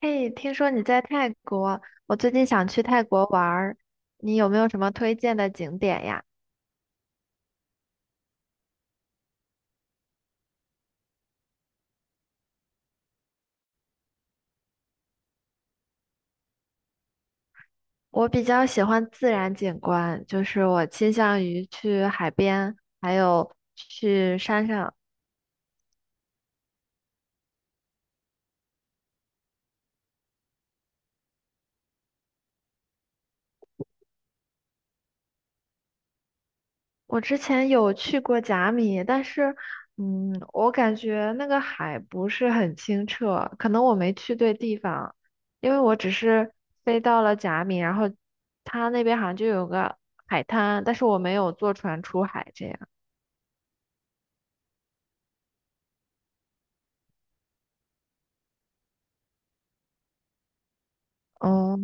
哎，听说你在泰国，我最近想去泰国玩儿，你有没有什么推荐的景点呀？我比较喜欢自然景观，就是我倾向于去海边，还有去山上。我之前有去过甲米，但是，我感觉那个海不是很清澈，可能我没去对地方，因为我只是飞到了甲米，然后它那边好像就有个海滩，但是我没有坐船出海这样。哦，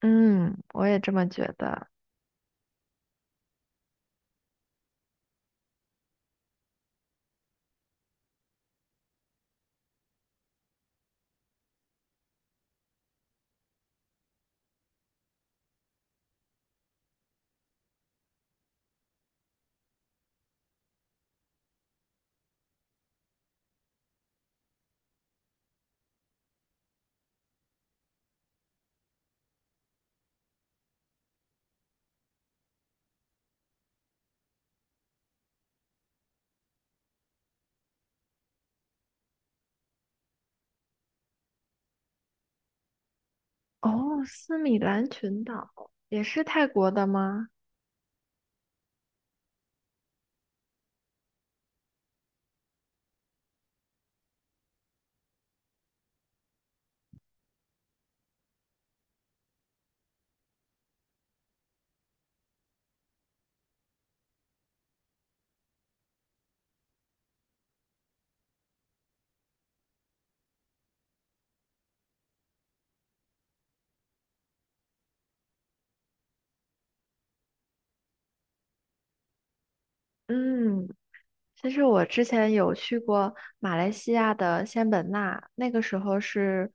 嗯，我也这么觉得。哦，斯米兰群岛也是泰国的吗？嗯，其实我之前有去过马来西亚的仙本那，那个时候是，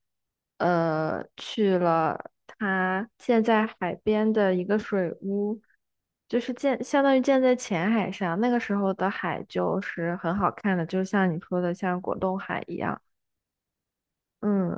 去了它建在海边的一个水屋，就是建相当于建在浅海上。那个时候的海就是很好看的，就像你说的，像果冻海一样。嗯，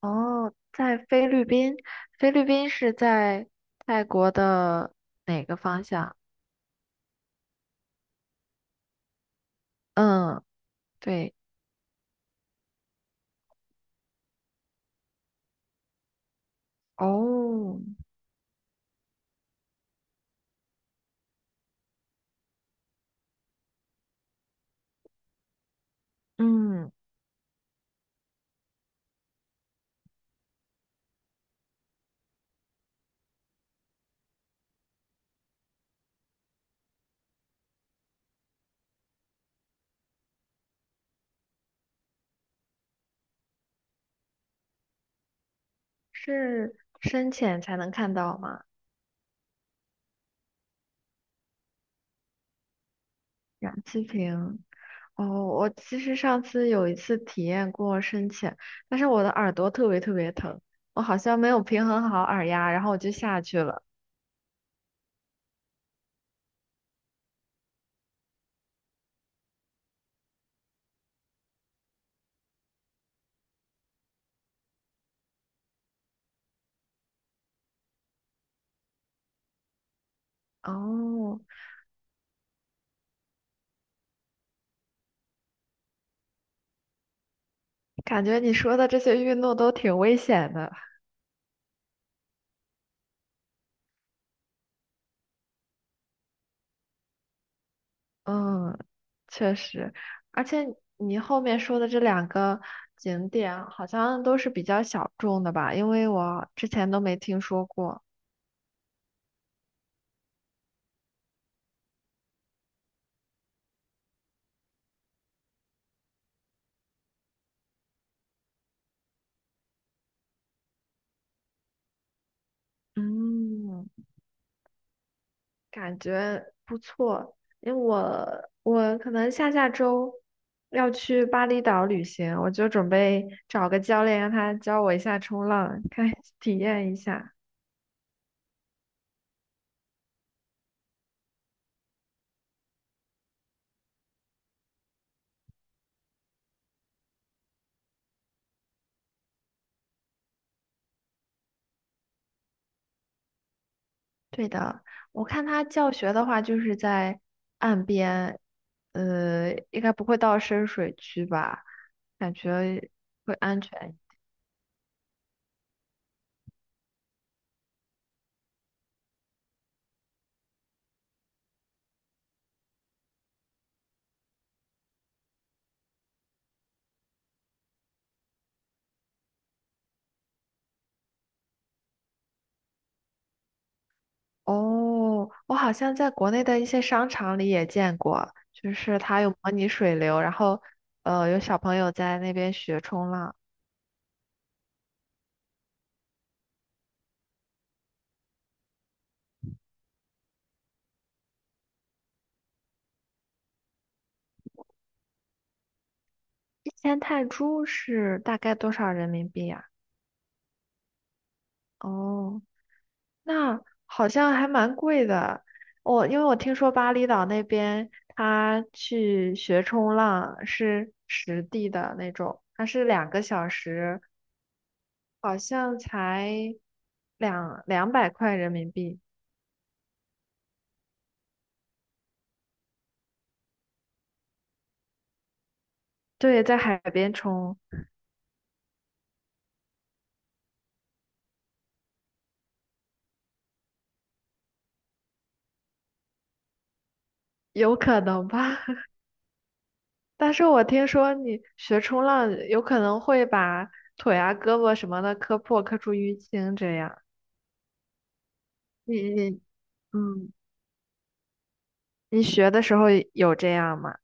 哦，在菲律宾，菲律宾是在泰国的哪个方向？嗯，对，哦，嗯，是深潜才能看到吗？氧气瓶。哦，我其实上次有一次体验过深潜，但是我的耳朵特别特别疼，我好像没有平衡好耳压，然后我就下去了。哦，感觉你说的这些运动都挺危险的。嗯，确实，而且你后面说的这两个景点好像都是比较小众的吧，因为我之前都没听说过。嗯，感觉不错，因为我可能下下周要去巴厘岛旅行，我就准备找个教练让他教我一下冲浪，看 体验一下。对的，我看他教学的话，就是在岸边，应该不会到深水区吧？感觉会安全。哦，我好像在国内的一些商场里也见过，就是它有模拟水流，然后有小朋友在那边学冲浪。1000泰铢是大概多少人民币呀？哦。那好像还蛮贵的。我因为我听说巴厘岛那边，他去学冲浪是实地的那种，它是2个小时，好像才两百块人民币。对，在海边冲，有可能吧？但是我听说你学冲浪有可能会把腿啊、胳膊什么的磕破、磕出淤青这样。你你嗯，你学的时候有这样吗？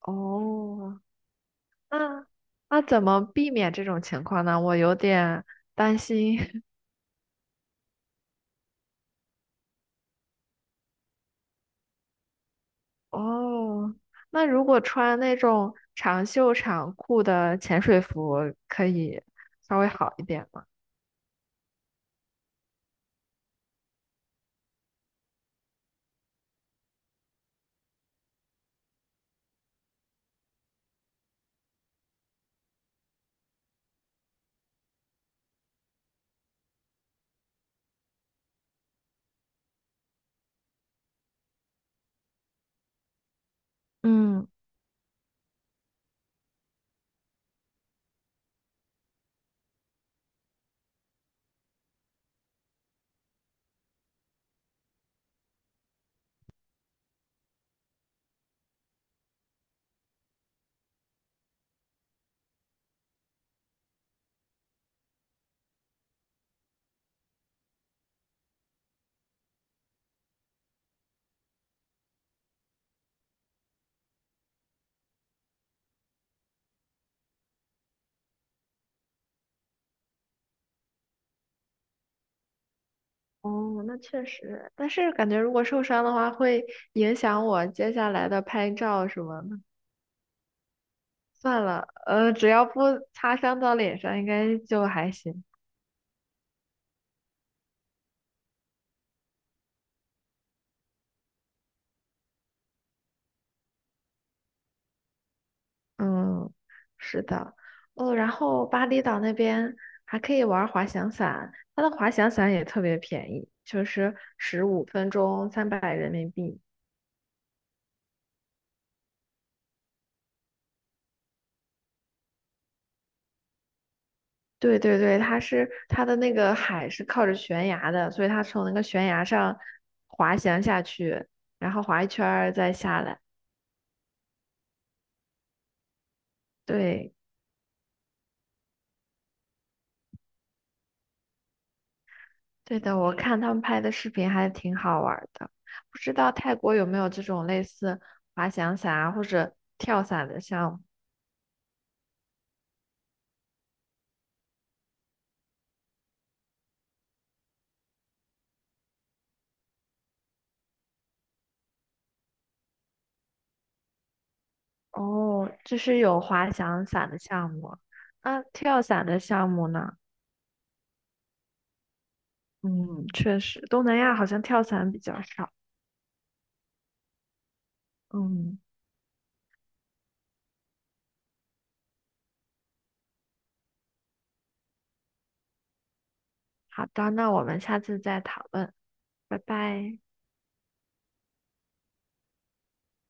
哦，那那怎么避免这种情况呢？我有点担心。哦，那如果穿那种长袖长裤的潜水服，可以稍微好一点吗？嗯，哦，那确实，但是感觉如果受伤的话，会影响我接下来的拍照什么的。算了，只要不擦伤到脸上，应该就还行。嗯，是的，哦，然后巴厘岛那边还可以玩滑翔伞，它的滑翔伞也特别便宜，就是15分钟300人民币。对对对，它是它的那个海是靠着悬崖的，所以它从那个悬崖上滑翔下去，然后滑一圈儿再下来。对对的，我看他们拍的视频还挺好玩儿的。不知道泰国有没有这种类似滑翔伞啊或者跳伞的项目？哦，这是有滑翔伞的项目，啊，跳伞的项目呢？嗯，确实，东南亚好像跳伞比较少。嗯，好的，那我们下次再讨论，拜拜。